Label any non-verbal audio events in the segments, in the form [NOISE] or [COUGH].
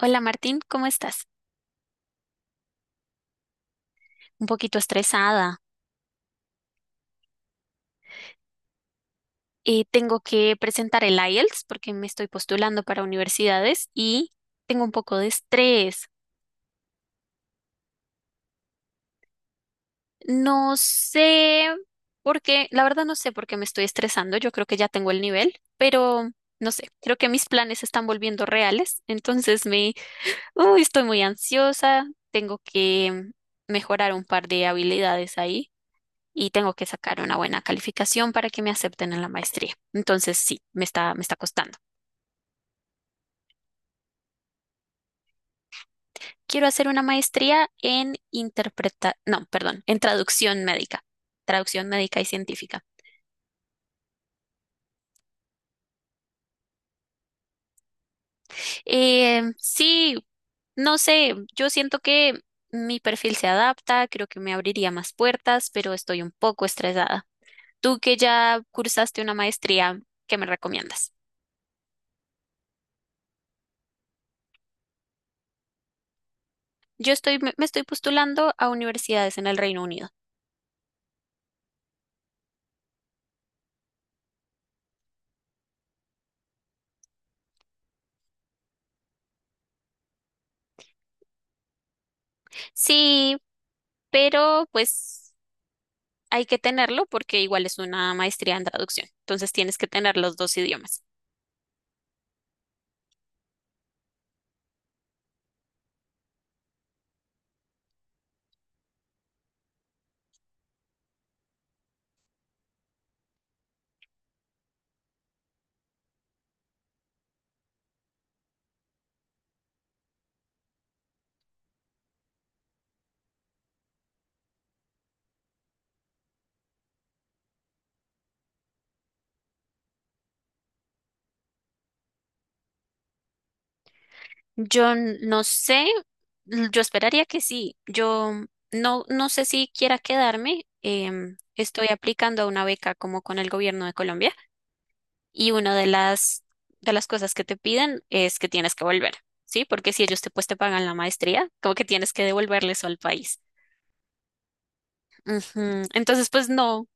Hola Martín, ¿cómo estás? Un poquito estresada. Tengo que presentar el IELTS porque me estoy postulando para universidades y tengo un poco de estrés. No sé por qué, la verdad no sé por qué me estoy estresando. Yo creo que ya tengo el nivel, pero no sé, creo que mis planes se están volviendo reales. Entonces, uy, estoy muy ansiosa. Tengo que mejorar un par de habilidades ahí. Y tengo que sacar una buena calificación para que me acepten en la maestría. Entonces, sí, me está costando. Quiero hacer una maestría en interpreta, no, perdón, en traducción médica y científica. Sí, no sé, yo siento que mi perfil se adapta, creo que me abriría más puertas, pero estoy un poco estresada. Tú que ya cursaste una maestría, ¿qué me recomiendas? Yo estoy, me me estoy postulando a universidades en el Reino Unido. Sí, pero pues hay que tenerlo porque igual es una maestría en traducción, entonces tienes que tener los dos idiomas. Yo no sé, yo esperaría que sí, yo no, no sé si quiera quedarme, estoy aplicando a una beca como con el gobierno de Colombia y una de las cosas que te piden es que tienes que volver, ¿sí? Porque si ellos te, pues, te pagan la maestría, como que tienes que devolverles al país. Ujú. Entonces, pues no,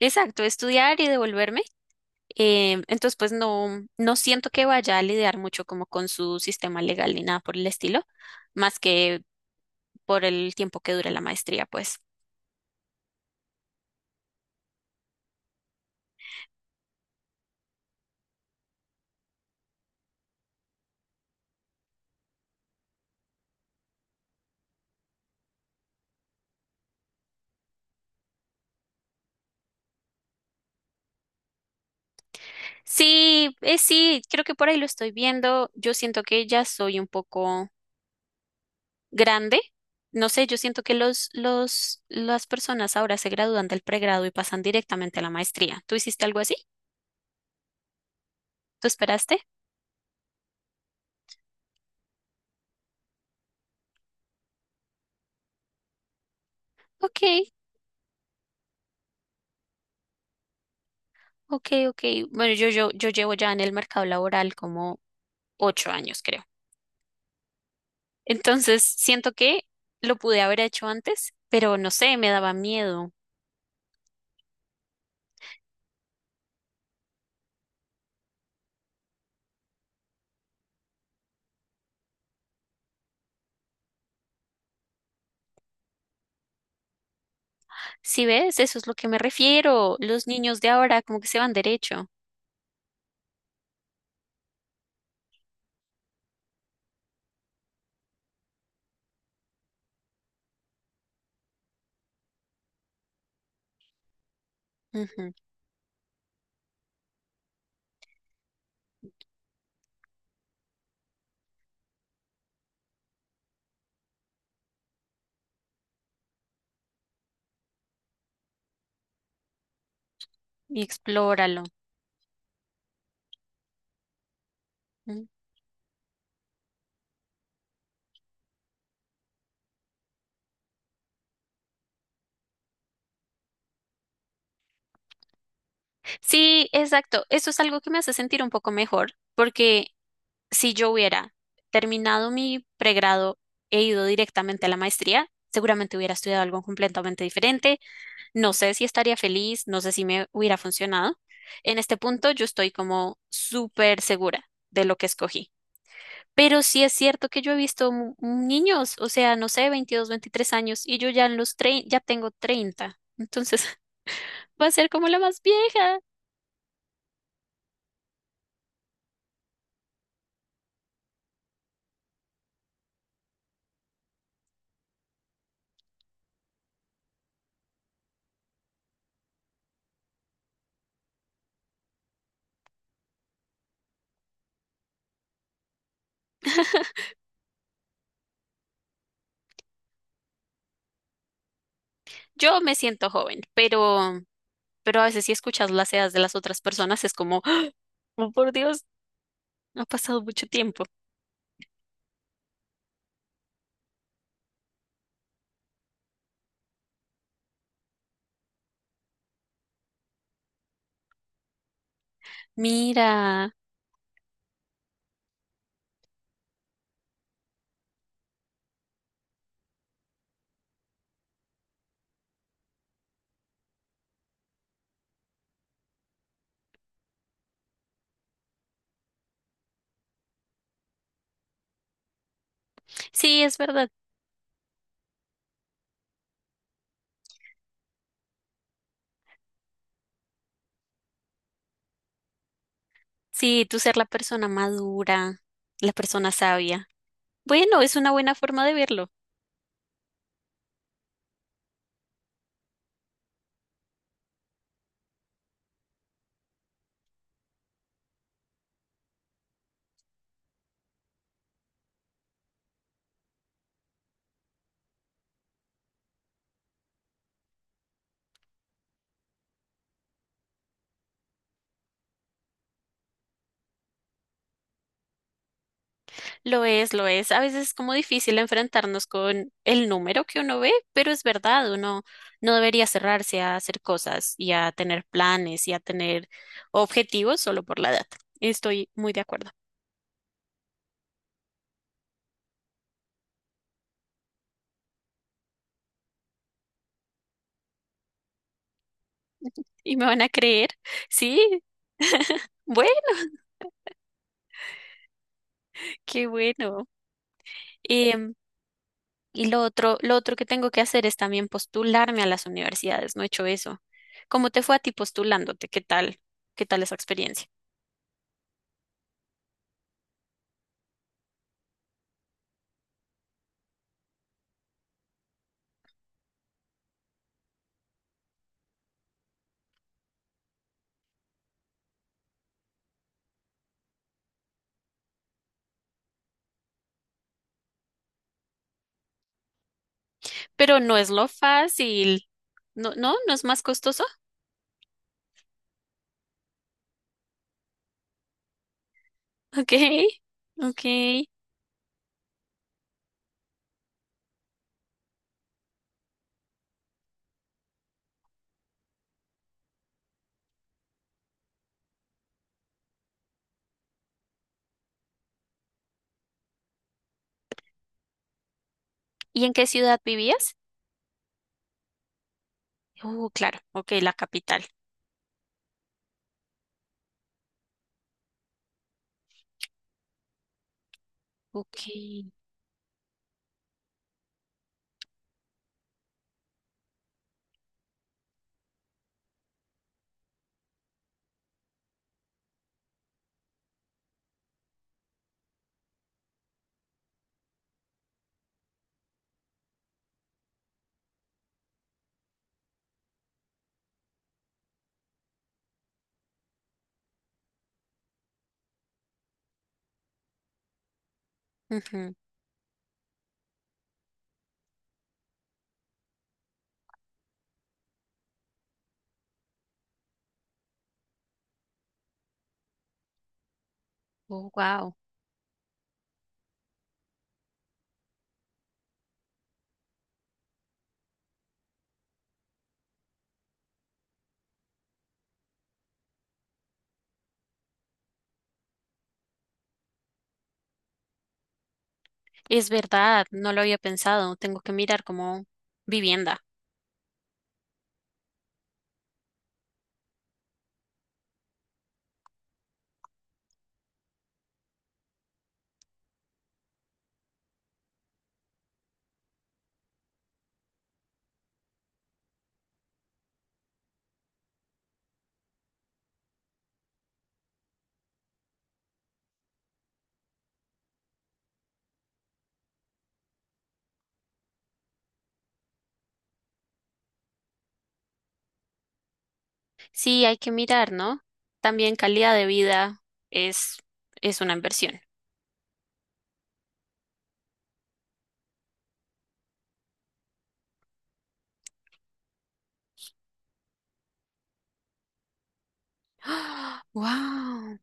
exacto, estudiar y devolverme. Entonces, pues no, no siento que vaya a lidiar mucho como con su sistema legal ni nada por el estilo, más que por el tiempo que dure la maestría, pues. Sí, sí, creo que por ahí lo estoy viendo. Yo siento que ya soy un poco grande. No sé, yo siento que las personas ahora se gradúan del pregrado y pasan directamente a la maestría. ¿Tú hiciste algo así? ¿Tú esperaste? Ok, ok, ok. Bueno, yo llevo ya en el mercado laboral como 8 años, creo. Entonces, siento que lo pude haber hecho antes, pero no sé, me daba miedo. Si ves, eso es lo que me refiero. Los niños de ahora como que se van derecho. Ujú. Y explóralo. Mm. Sí, exacto. Eso es algo que me hace sentir un poco mejor, porque si yo hubiera terminado mi pregrado e ido directamente a la maestría, seguramente hubiera estudiado algo completamente diferente. No sé si estaría feliz, no sé si me hubiera funcionado. En este punto yo estoy como súper segura de lo que escogí. Pero sí es cierto que yo he visto niños, o sea, no sé, 22 23 años y yo ya en los ya tengo 30. Entonces, [LAUGHS] va a ser como la más vieja. Yo me siento joven, pero a veces si escuchas las edades de las otras personas es como oh, por Dios, ha pasado mucho tiempo. Mira, sí, es verdad. Sí, tú ser la persona madura, la persona sabia. Bueno, es una buena forma de verlo. Lo es, lo es. A veces es como difícil enfrentarnos con el número que uno ve, pero es verdad, uno no debería cerrarse a hacer cosas y a tener planes y a tener objetivos solo por la edad. Estoy muy de acuerdo. ¿Y me van a creer? Sí. [LAUGHS] Bueno, qué bueno. Y lo otro que tengo que hacer es también postularme a las universidades. No he hecho eso. ¿Cómo te fue a ti postulándote? ¿Qué tal? ¿Qué tal esa experiencia? Pero no es lo fácil. No, no, no es más costoso. [LAUGHS] Ok, ok. ¿Y en qué ciudad vivías? Claro, ok, la capital. Ok. Ujú. Oh, wow. Es verdad, no lo había pensado. Tengo que mirar como vivienda. Sí, hay que mirar, ¿no? También calidad de vida es, es una inversión. Wow.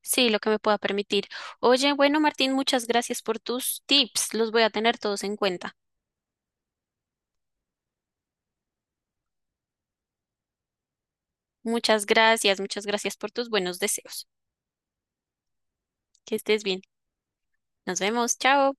Sí, lo que me pueda permitir. Oye, bueno, Martín, muchas gracias por tus tips. Los voy a tener todos en cuenta. Muchas gracias por tus buenos deseos. Que estés bien. Nos vemos. Chao.